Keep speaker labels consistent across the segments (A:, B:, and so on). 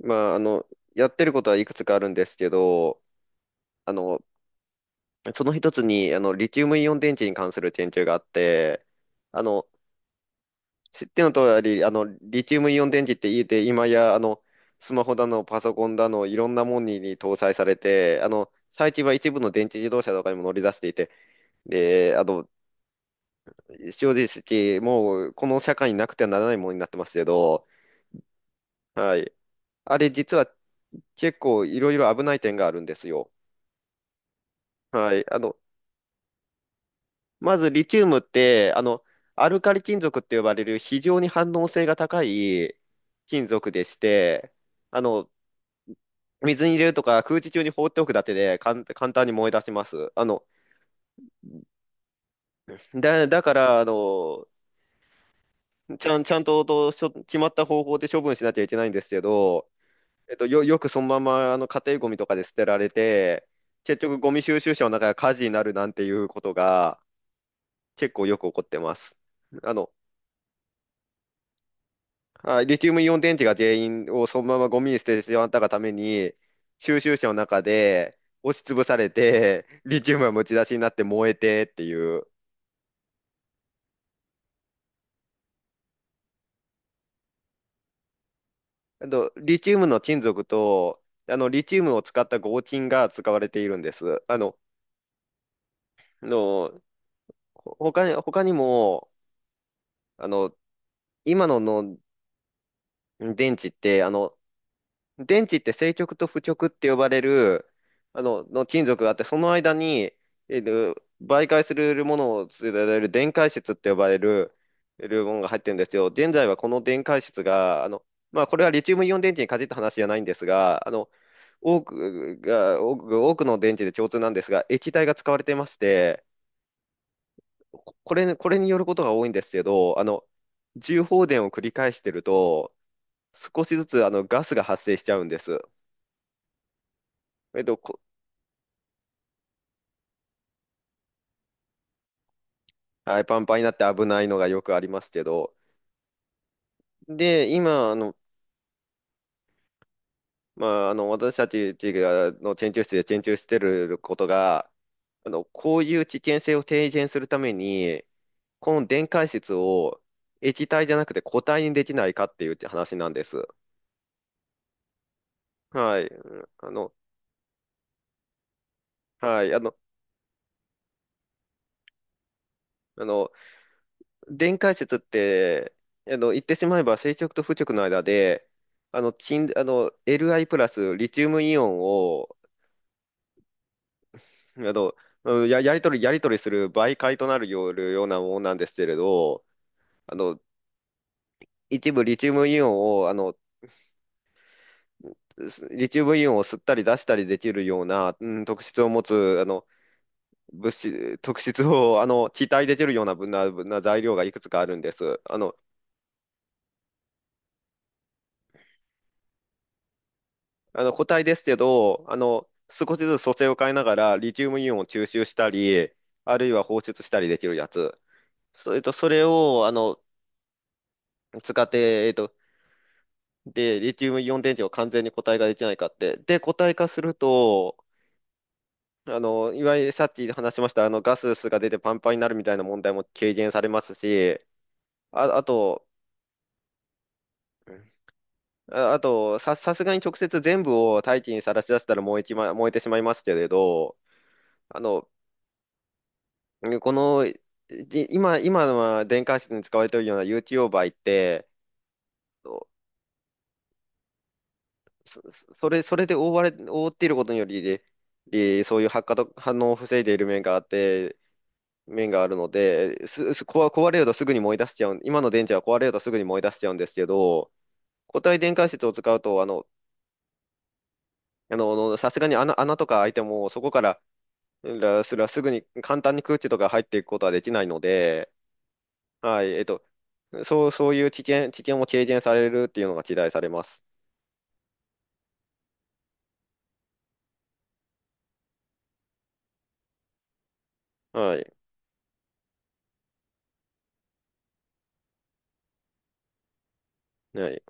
A: まあ、やってることはいくつかあるんですけど、あの、その一つに、リチウムイオン電池に関する研究があって、あの、知っての通り、リチウムイオン電池って言って今や、スマホだの、パソコンだの、いろんなものに搭載されて、最近は一部の電池自動車とかにも乗り出していて、で、正直、もう、この社会になくてはならないものになってますけど、はい。あれ、実は結構いろいろ危ない点があるんですよ。はい。まずリチウムって、アルカリ金属って呼ばれる非常に反応性が高い金属でして、あの、水に入れるとか空気中に放っておくだけで簡単に燃え出します。だから、ちゃんと決まった方法で処分しなきゃいけないんですけど、よくそのまま家庭ゴミとかで捨てられて、結局ゴミ収集車の中が火事になるなんていうことが結構よく起こってます。あの、はい。リチウムイオン電池が全員をそのままゴミに捨ててしまったがために、収集車の中で押しつぶされて、リチウムがむき出しになって燃えてっていう。あと、リチウムの金属と、リチウムを使った合金が使われているんです。あの、ほ他に、他にも、あの、今の電池って、電池って正極と負極って呼ばれる、金属があって、その間に、えー媒介するものを伝える電解質って呼ばれる、ものが入ってるんですよ。現在はこの電解質が、まあ、これはリチウムイオン電池に限った話じゃないんですが、多くの電池で共通なんですが、液体が使われてまして、これによることが多いんですけど、重放電を繰り返してると、少しずつガスが発生しちゃうんです。えっと、はい、パンパンになって危ないのがよくありますけど、で、今、まあ、私たちがの研究室で研究してることが、こういう危険性を低減するために、この電解質を液体じゃなくて固体にできないかっていう話なんです。はい。うん。はい。あの、電解質って、言ってしまえば正極と負極の間で、金、あの、Li プラスリチウムイオンをあと、うんやり取りする媒介となるようなものなんですけれど、あの、一部リチウムイオンを、リチウムイオンを吸ったり出したりできるような、特質を持つ、物質、特質を、気体できるようなぶな、ぶな材料がいくつかあるんです。固体ですけど、少しずつ組成を変えながら、リチウムイオンを吸収したり、あるいは放出したりできるやつ。それを、使って、で、リチウムイオン電池を完全に固体化できないかって。で、固体化すると、いわゆるさっき話しました、ガスが出てパンパンになるみたいな問題も軽減されますし、あ、あと、あ、あと、さ、さすがに直接全部を大気にさらし出したら燃えてしまいますけれど、あの、この、今のは電解質に使われているような有機溶媒って、そ、そそれで覆われ、覆っていることにより、そういう発火と反応を防いでいる面があって、面があるので、す、す、壊壊れるとすぐに燃え出しちゃうん、今の電池は壊れるとすぐに燃え出しちゃうんですけど、固体電解質を使うと、さすがに穴とか開いても、そこから、らすぐに簡単に空気とか入っていくことはできないので、はい、そういう危険も軽減されるっていうのが期待されます。はい、はい、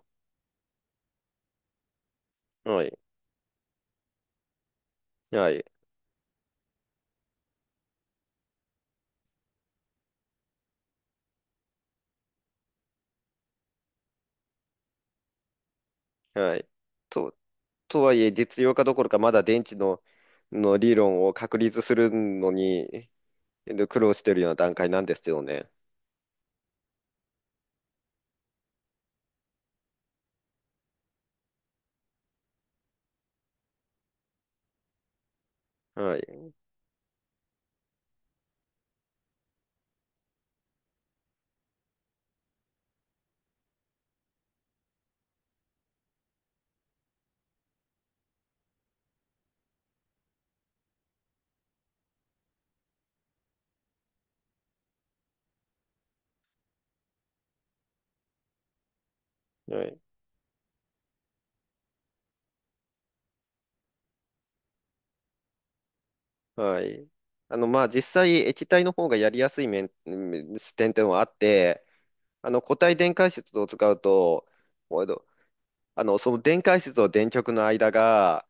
A: はい、はい、はい。と、とはいえ、実用化どころか、まだ電池の理論を確立するのに、で、苦労してるような段階なんですよね。はい。はい。はい。まあ、実際、液体の方がやりやすい面、うん点っはあって、固体電解質を使うと、おいどあの、その電解質と電極の間が、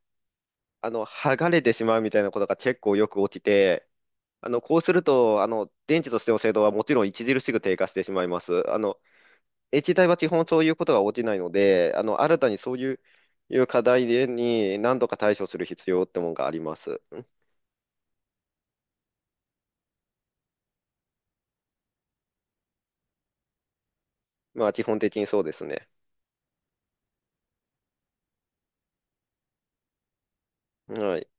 A: 剥がれてしまうみたいなことが結構よく起きて、こうすると、電池としての精度はもちろん著しく低下してしまいます。液体は基本そういうことが起きないので、新たにそういう課題に何度か対処する必要ってもんがあります。まあ、基本的にそうですね。はい。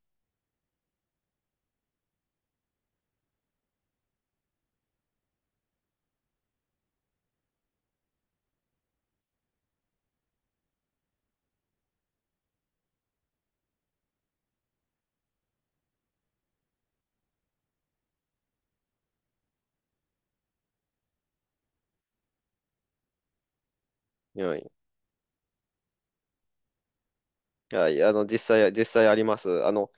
A: はい。はい。実際あります。あの、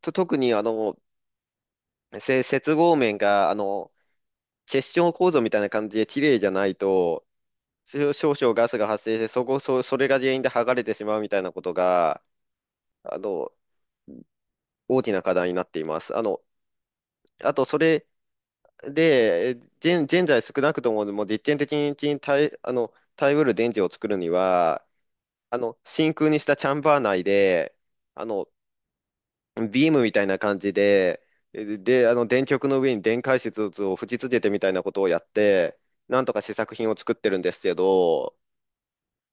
A: と、特に、接合面が、結晶構造みたいな感じで綺麗じゃないと、少々ガスが発生して、そこ、そ、それが原因で剥がれてしまうみたいなことが、あの、大きな課題になっています。あの、あと、それ、で、現在少なくとも、もう実験的に耐えうる電池を作るには、真空にしたチャンバー内で、あの、ビームみたいな感じで、で、電極の上に電解質を吹き付けてみたいなことをやって、なんとか試作品を作ってるんですけど、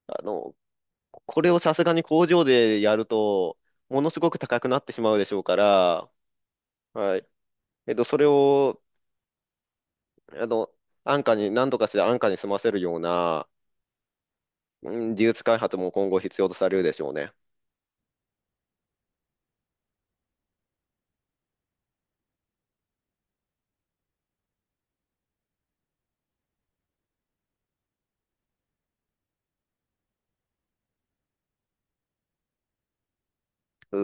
A: あの、これをさすがに工場でやると、ものすごく高くなってしまうでしょうから、はい。それを、あの、安価に、何とかして安価に済ませるような、うん、技術開発も今後必要とされるでしょうね。う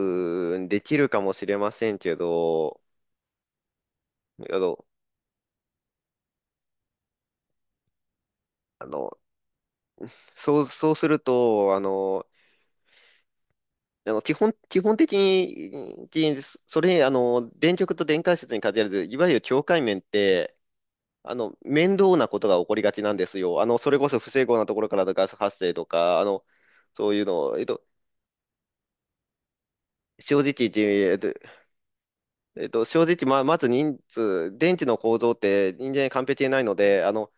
A: ーん、できるかもしれませんけど、あの、あのそうすると、基本的に、きそれ、あの、電極と電解質に限らず、いわゆる境界面って、面倒なことが起こりがちなんですよ。それこそ不整合なところからのガス発生とか、そういうの、正直言って、えっと、正直、まず人数、電池の構造って人間に完璧でないので、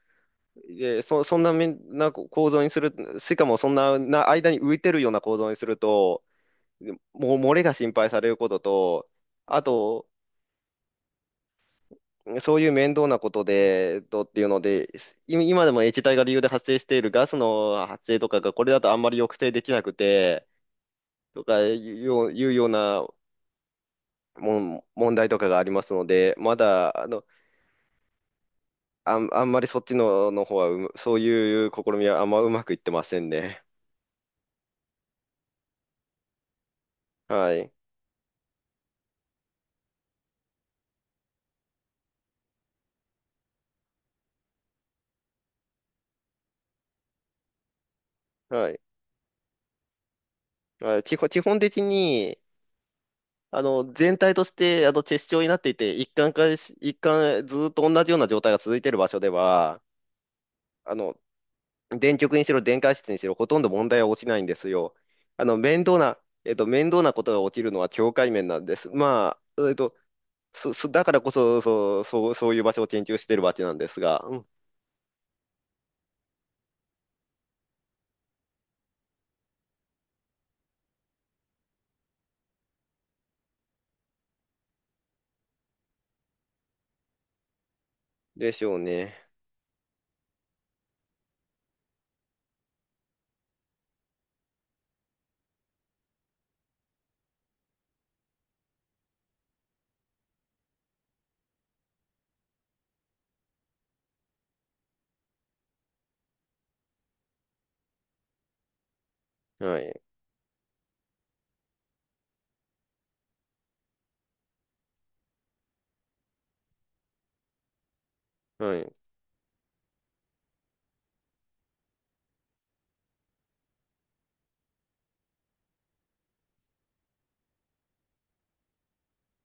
A: で、そんなみんな構造にする、しかもそんな、間に浮いてるような構造にすると、もう漏れが心配されることと、あと、そういう面倒なことで、っていうので、今でも液体が理由で発生しているガスの発生とかが、これだとあんまり抑制できなくて、とかいうような問題とかがありますので、まだ、あんまりそっちの、方はうむ、そういう試みはあんまうまくいってませんね。はい。はい。基本的に、全体として、チェス状になっていて、一貫化し、一貫、ずーっと同じような状態が続いている場所では、あの、電極にしろ、電解質にしろ、ほとんど問題は落ちないんですよ。あの、面倒な、面倒なことが起きるのは境界面なんです。まあ、えっと、そ、そ、だからこそ、そういう場所を研究しているわけなんですが、うん、でしょうね。はい。はい。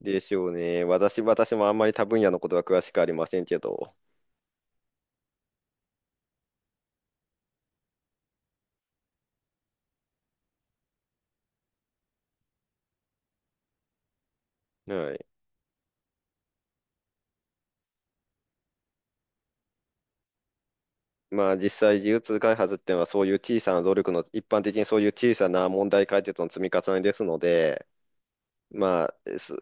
A: でしょうね。私もあんまり他分野のことは詳しくありませんけど。はい。まあ実際 G2 開発っていうのはそういう小さな努力の、一般的にそういう小さな問題解決の積み重ねですので、まあ、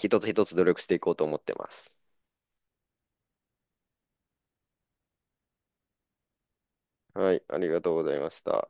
A: 一つ一つ努力していこうと思ってます。はい、ありがとうございました。